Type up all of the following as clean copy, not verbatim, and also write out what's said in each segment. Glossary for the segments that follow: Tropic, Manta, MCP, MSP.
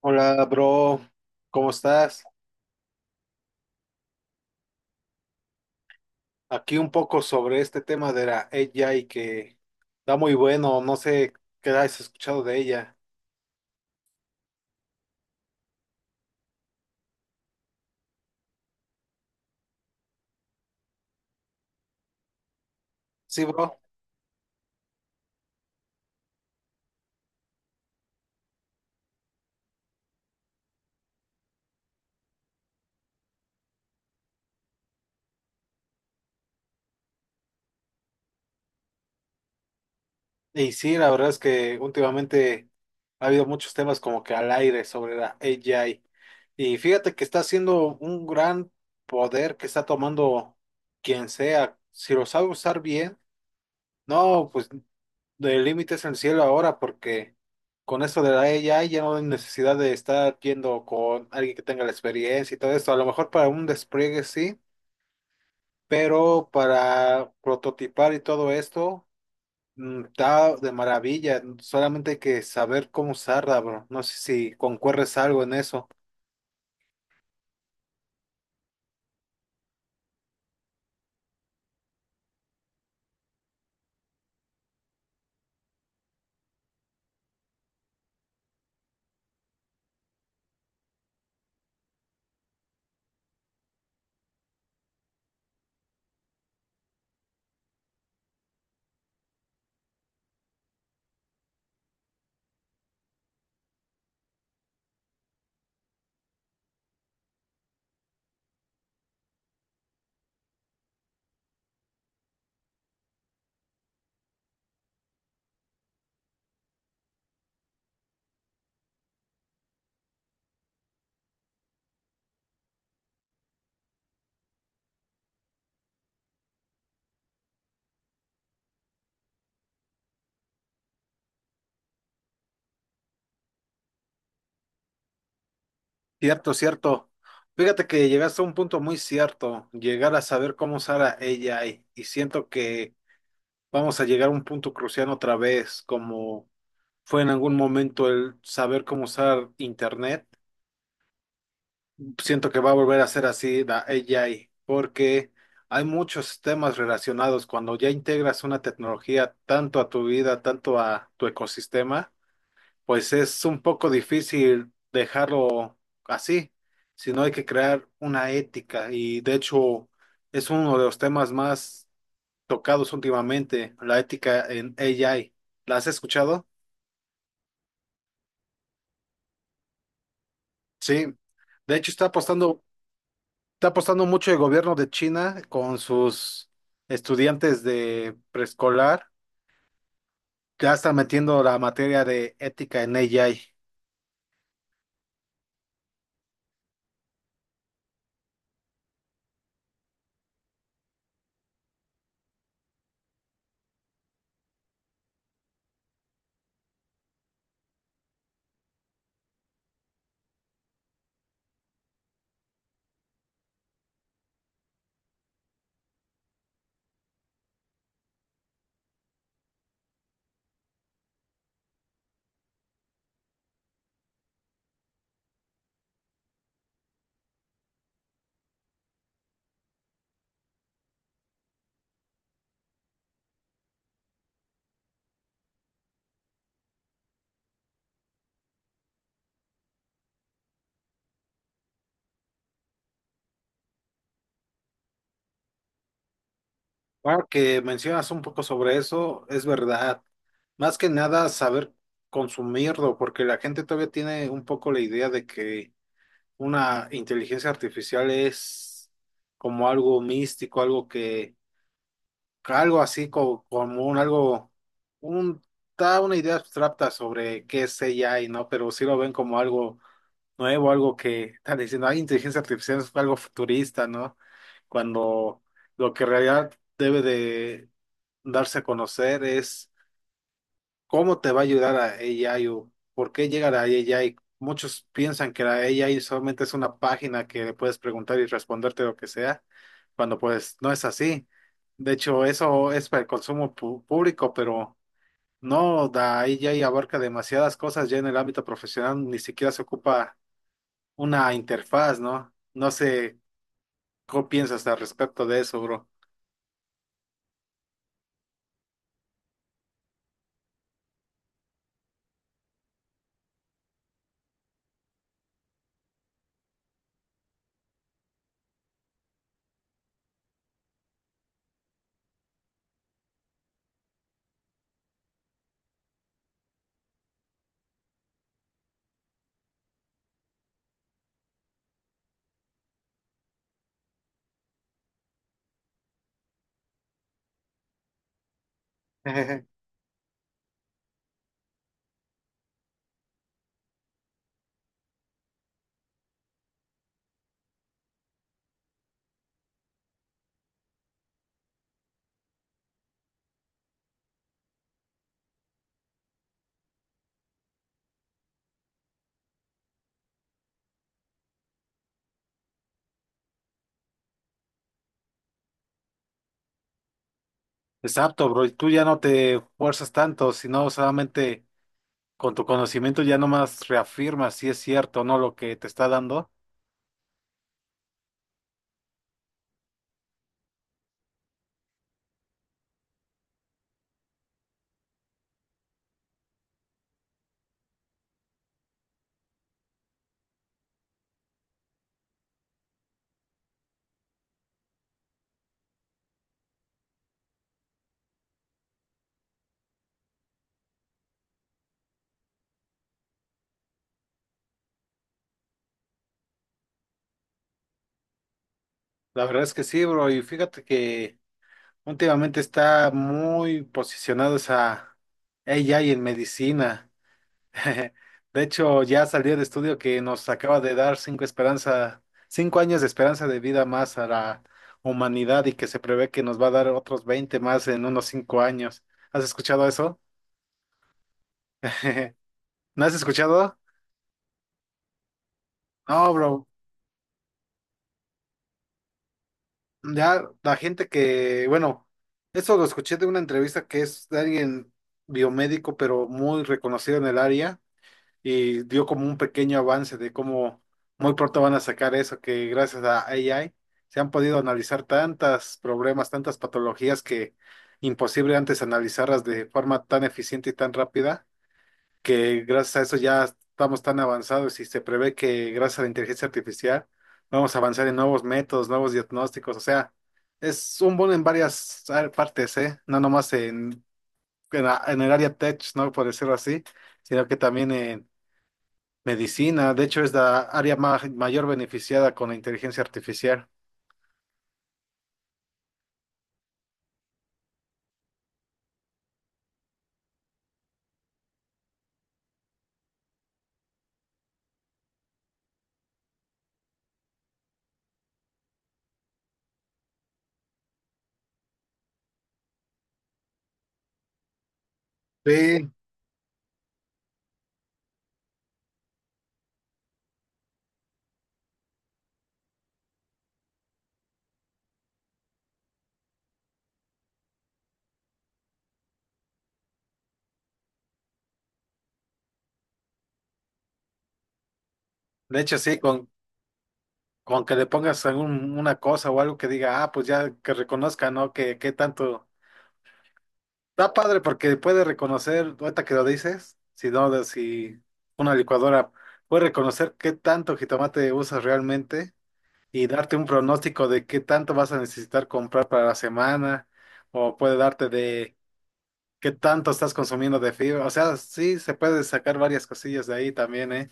Hola, bro, ¿cómo estás? Aquí un poco sobre este tema de la AI que da muy bueno, no sé qué has escuchado de ella. Sí, bro. Y sí, la verdad es que últimamente ha habido muchos temas como que al aire sobre la AI. Y fíjate que está haciendo un gran poder que está tomando quien sea. Si lo sabe usar bien, no, pues de límites al cielo ahora porque con esto de la AI ya no hay necesidad de estar yendo con alguien que tenga la experiencia y todo esto. A lo mejor para un despliegue sí, pero para prototipar y todo esto está de maravilla. Solamente hay que saber cómo usarla, bro. No sé si concuerres algo en eso. Cierto, cierto. Fíjate que llegaste a un punto muy cierto, llegar a saber cómo usar a AI y siento que vamos a llegar a un punto crucial otra vez, como fue en algún momento el saber cómo usar internet. Siento que va a volver a ser así la AI, porque hay muchos temas relacionados. Cuando ya integras una tecnología tanto a tu vida, tanto a tu ecosistema, pues es un poco difícil dejarlo así, sino hay que crear una ética. Y de hecho, es uno de los temas más tocados últimamente, la ética en AI. ¿La has escuchado? Sí. De hecho, está apostando mucho el gobierno de China con sus estudiantes de preescolar. Ya están metiendo la materia de ética en AI. Ahora que mencionas un poco sobre eso, es verdad. Más que nada saber consumirlo, porque la gente todavía tiene un poco la idea de que una inteligencia artificial es como algo místico, algo que algo así como, un algo, un, da una idea abstracta sobre qué es AI, ¿no? Pero sí lo ven como algo nuevo, algo que están diciendo, ay, inteligencia artificial es algo futurista, ¿no? Cuando lo que en realidad debe de darse a conocer es, ¿cómo te va a ayudar a AI o por qué llegar a AI? Muchos piensan que la AI solamente es una página que le puedes preguntar y responderte lo que sea, cuando pues no es así. De hecho, eso es para el consumo público, pero no, la AI abarca demasiadas cosas ya en el ámbito profesional, ni siquiera se ocupa una interfaz, ¿no? No sé, ¿qué piensas al respecto de eso, bro? Exacto, bro, y tú ya no te fuerzas tanto, sino solamente con tu conocimiento ya nomás reafirmas si es cierto o no lo que te está dando. La verdad es que sí, bro. Y fíjate que últimamente está muy posicionado esa AI en medicina. De hecho, ya salió el estudio que nos acaba de dar 5 años de esperanza de vida más a la humanidad y que se prevé que nos va a dar otros 20 más en unos 5 años. ¿Has escuchado eso? ¿No has escuchado? No, bro. Ya la gente que, bueno, eso lo escuché de una entrevista que es de alguien biomédico, pero muy reconocido en el área, y dio como un pequeño avance de cómo muy pronto van a sacar eso, que gracias a AI se han podido analizar tantas problemas, tantas patologías que imposible antes analizarlas de forma tan eficiente y tan rápida que gracias a eso ya estamos tan avanzados y se prevé que gracias a la inteligencia artificial vamos a avanzar en nuevos métodos, nuevos diagnósticos, o sea, es un bono en varias partes, ¿eh? No nomás en en el área tech, ¿no? Por decirlo así, sino que también en medicina, de hecho es la área mayor beneficiada con la inteligencia artificial. Sí, de hecho sí, con. Con que le pongas una cosa o algo que diga, ah, pues ya que reconozca, ¿no? Que tanto. Está padre porque puede reconocer, ahorita que lo dices, si no, si una licuadora puede reconocer qué tanto jitomate usas realmente y darte un pronóstico de qué tanto vas a necesitar comprar para la semana, o puede darte de qué tanto estás consumiendo de fibra. O sea, sí, se puede sacar varias cosillas de ahí también, ¿eh?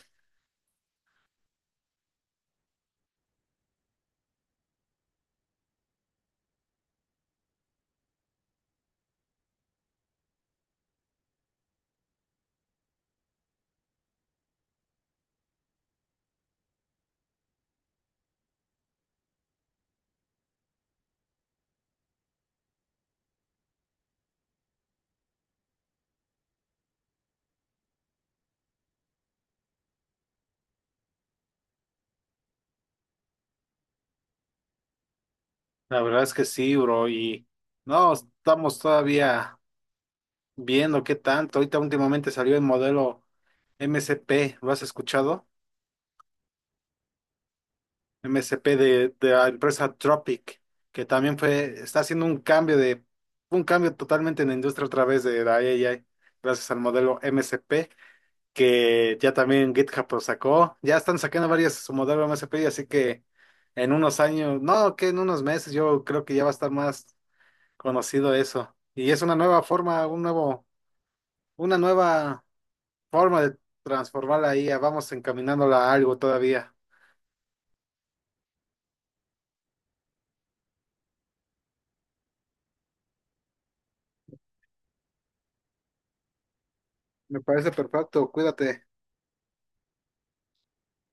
La verdad es que sí, bro, y no, estamos todavía viendo qué tanto. Ahorita últimamente salió el modelo MCP, ¿lo has escuchado? MSP de la empresa Tropic, que también fue, está haciendo un cambio totalmente en la industria a través de la AI, gracias al modelo MSP, que ya también GitHub lo sacó, ya están sacando varias su modelo MSP, así que en unos años, no, que en unos meses yo creo que ya va a estar más conocido eso. Y es una nueva forma, una nueva forma de transformar la IA, vamos encaminándola a algo todavía. Me parece perfecto, cuídate.